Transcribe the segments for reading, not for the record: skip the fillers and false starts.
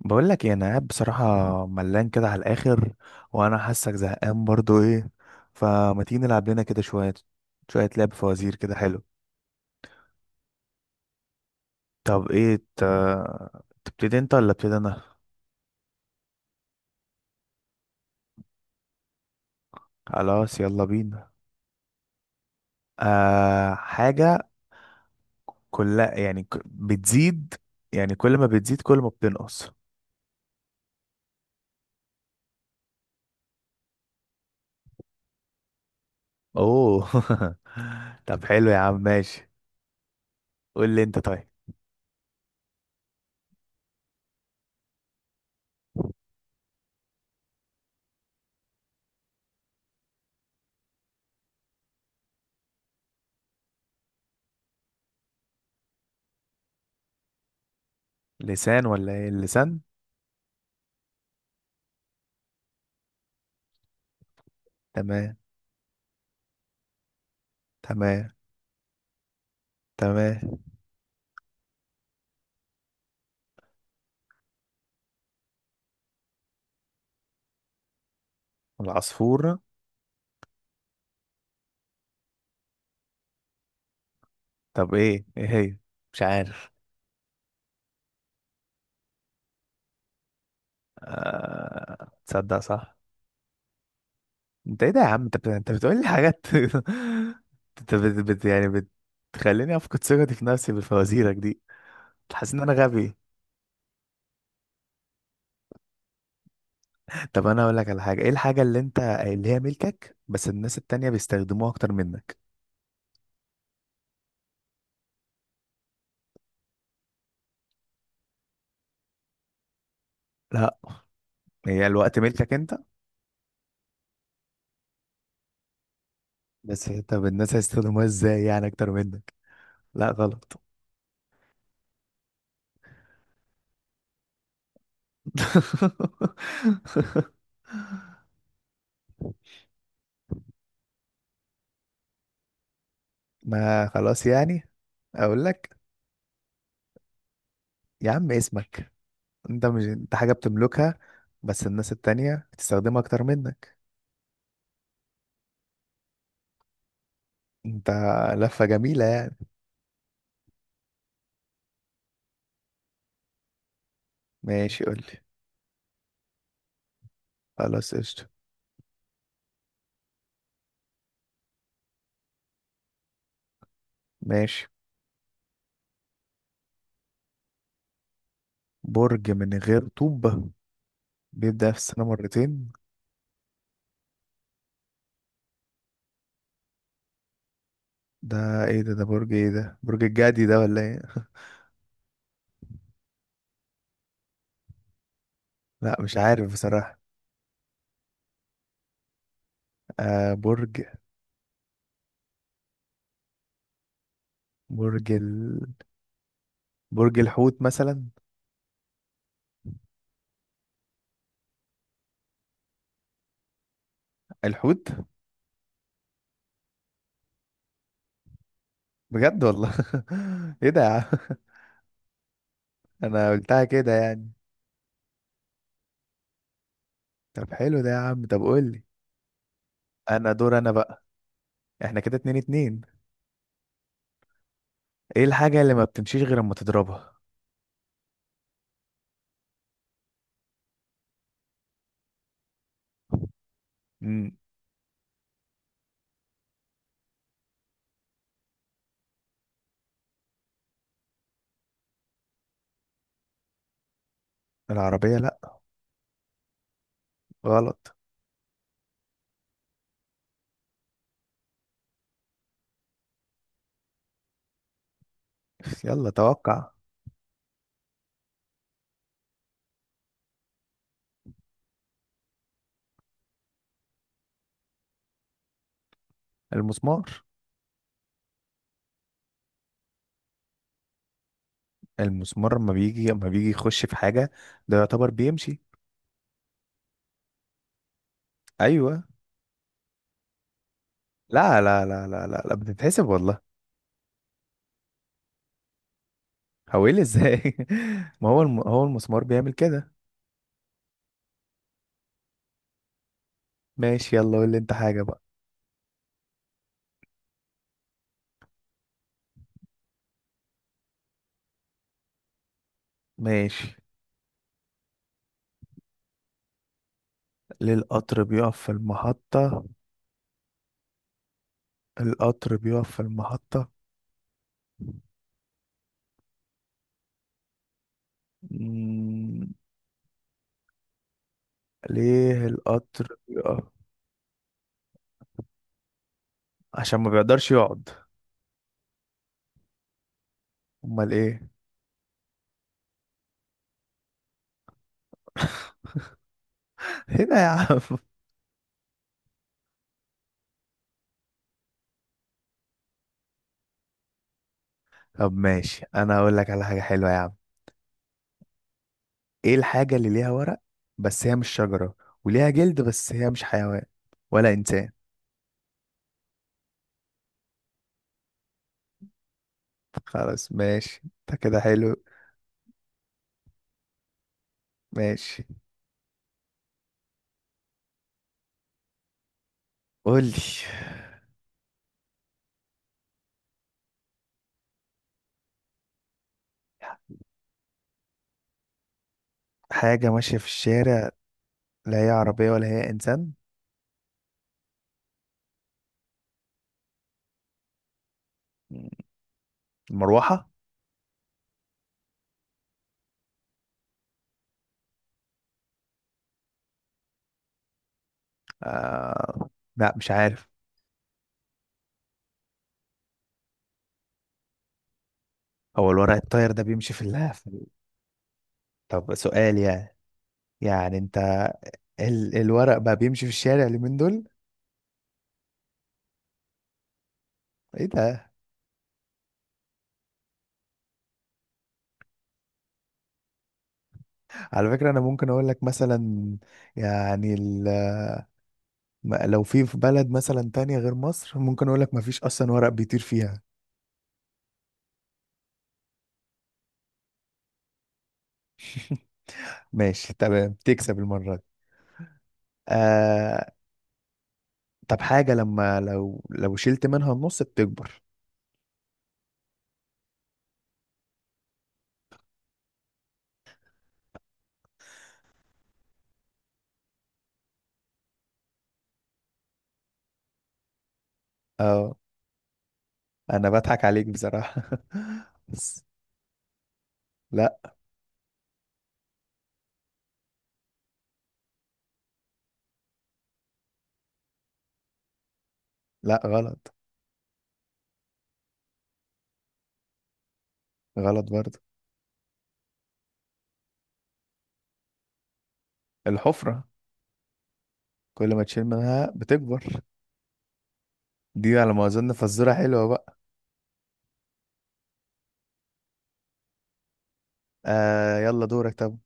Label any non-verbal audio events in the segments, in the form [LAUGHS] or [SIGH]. بقول لك ايه؟ انا قاعد بصراحه ملان كده على الاخر، وانا حاسك زهقان برضو. ايه فما تيجي نلعب لنا كده شويه، شويه لعب فوازير كده حلو. طب ايه تبتدي انت ولا ابتدي انا؟ خلاص يلا بينا. آه حاجه، كلها يعني بتزيد. يعني كل ما بتزيد كل ما بتنقص. اوه. [LAUGHS] طب حلو يا عم ماشي. قول لي انت طيب. لسان؟ ولا ايه اللسان؟ تمام. تمام. تمام. العصفور. طب ايه هي؟ مش عارف. تصدق صح. انت ايه ده يا عم؟ انت بتقول لي حاجات. [LAUGHS] انت يعني بتخليني افقد ثقتي في نفسي بفوازيرك دي. حاسس ان انا غبي. طب انا اقول لك على حاجه. ايه الحاجه اللي انت اللي هي ملكك بس الناس التانية بيستخدموها اكتر منك؟ لا. هي الوقت ملكك انت. بس طب الناس هيستخدموها ازاي يعني اكتر منك؟ لا غلط. [LAUGHS] ما خلاص يعني. اقول لك. يا عم اسمك. انت مش انت حاجة بتملكها، بس الناس التانية بتستخدمها اكتر منك انت. لفة جميلة يعني. ماشي قولي. خلاص قشطة. ماشي. برج من غير طوب، بيبدأ في السنة مرتين. ده ايه ده؟ ده برج ايه؟ ده برج الجدي ده ولا ايه؟ لا مش عارف بصراحة. آه برج ال... برج الحوت مثلا. الحوت. بجد والله؟ [LAUGHS] ايه ده يا عم؟ [LAUGHS] انا قلتها كده يعني. طب حلو ده يا عم. طب قولي انا دور انا بقى. احنا كده اتنين اتنين. ايه الحاجة اللي ما بتمشيش غير لما تضربها؟ مم. العربية، لا غلط. يلا توقع. المسمار. المسمار لما بيجي يخش في حاجة. ده يعتبر بيمشي. ايوه. لا، لا، لا، لا، لا، لا بتتحسب والله. هو ايه اللي ازاي؟ [LAUGHS] ما هو هو المسمار بيعمل كده. ماشي يلا قول لي انت حاجة بقى. ماشي. ليه القطر بيقف في المحطة؟ القطر بيقف في المحطة. مم. ليه القطر بيقف؟ عشان ما بيقدرش يقعد. امال ايه؟ هنا يا عم. [LAUGHS] طب ماشي انا هقول لك على حاجة حلوة يا عم. ايه الحاجة اللي ليها ورق بس هي مش شجرة، وليها جلد بس هي مش حيوان ولا انسان؟ خلاص ماشي انت كده حلو. ماشي. قولي. حاجة ماشية في الشارع، لا هي عربية ولا هي انسان. مروحة. آه... لا مش عارف. هو الورق الطاير ده بيمشي في اللهف؟ طب سؤال يعني. يعني انت الورق بقى بيمشي في الشارع اليومين دول؟ ايه ده؟ على فكرة أنا ممكن أقول لك مثلا، يعني لو في بلد مثلا تانية غير مصر ممكن أقول لك مفيش أصلا ورق بيطير فيها. [LAUGHS] ماشي تمام تكسب المرة دي. آه. طب حاجة لما لو شلت منها النص بتكبر. اه. أنا بضحك عليك بصراحة. [LAUGHS] بس لا. لا غلط. غلط برضه. الحفرة. كل ما تشيل منها بتكبر. دي على ما أظن فزورة حلوة بقى. آه يلا دورك طب.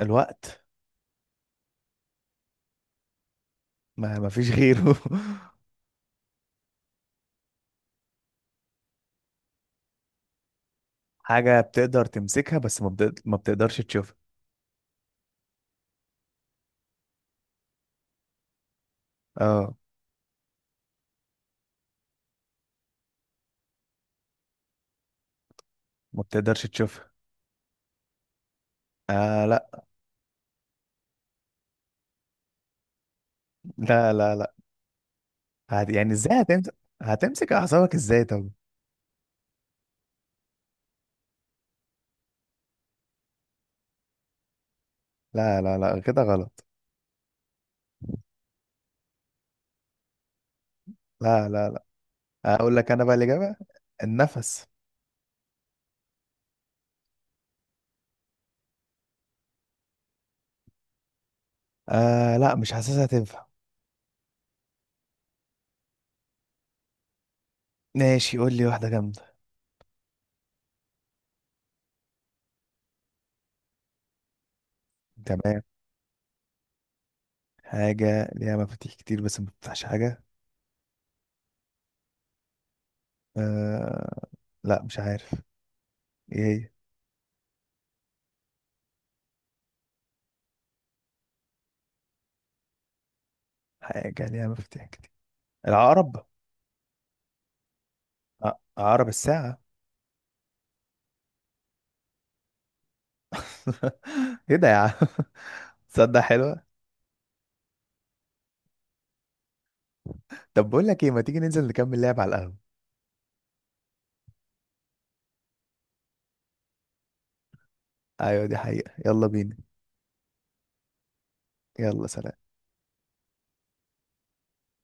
الوقت. ما فيش غيره. [LAUGHS] حاجة بتقدر تمسكها بس ما بتقدرش تشوفها. اه. ما بتقدرش تشوفها. آه لا. لا لا لا. يعني ازاي هتمسك؟ هتمسك اعصابك ازاي طب؟ لا لا لا كده غلط. لا لا لا. اقول لك انا بقى الإجابة. النفس. آه لا مش حاسسها تنفع. ماشي قول لي واحدة جامدة. تمام. حاجة ليها مفاتيح كتير بس ما بتفتحش حاجة. آه. لا مش عارف. ايه هي؟ حاجة ليها مفاتيح كتير. العقرب. آه، عقرب الساعة. [LAUGHS] ايه ده يا عم؟ تصدق حلوة. طب بقول لك ايه، ما تيجي ننزل نكمل لعب على القهوة؟ ايوه دي حقيقة يلا بينا. يلا سلام.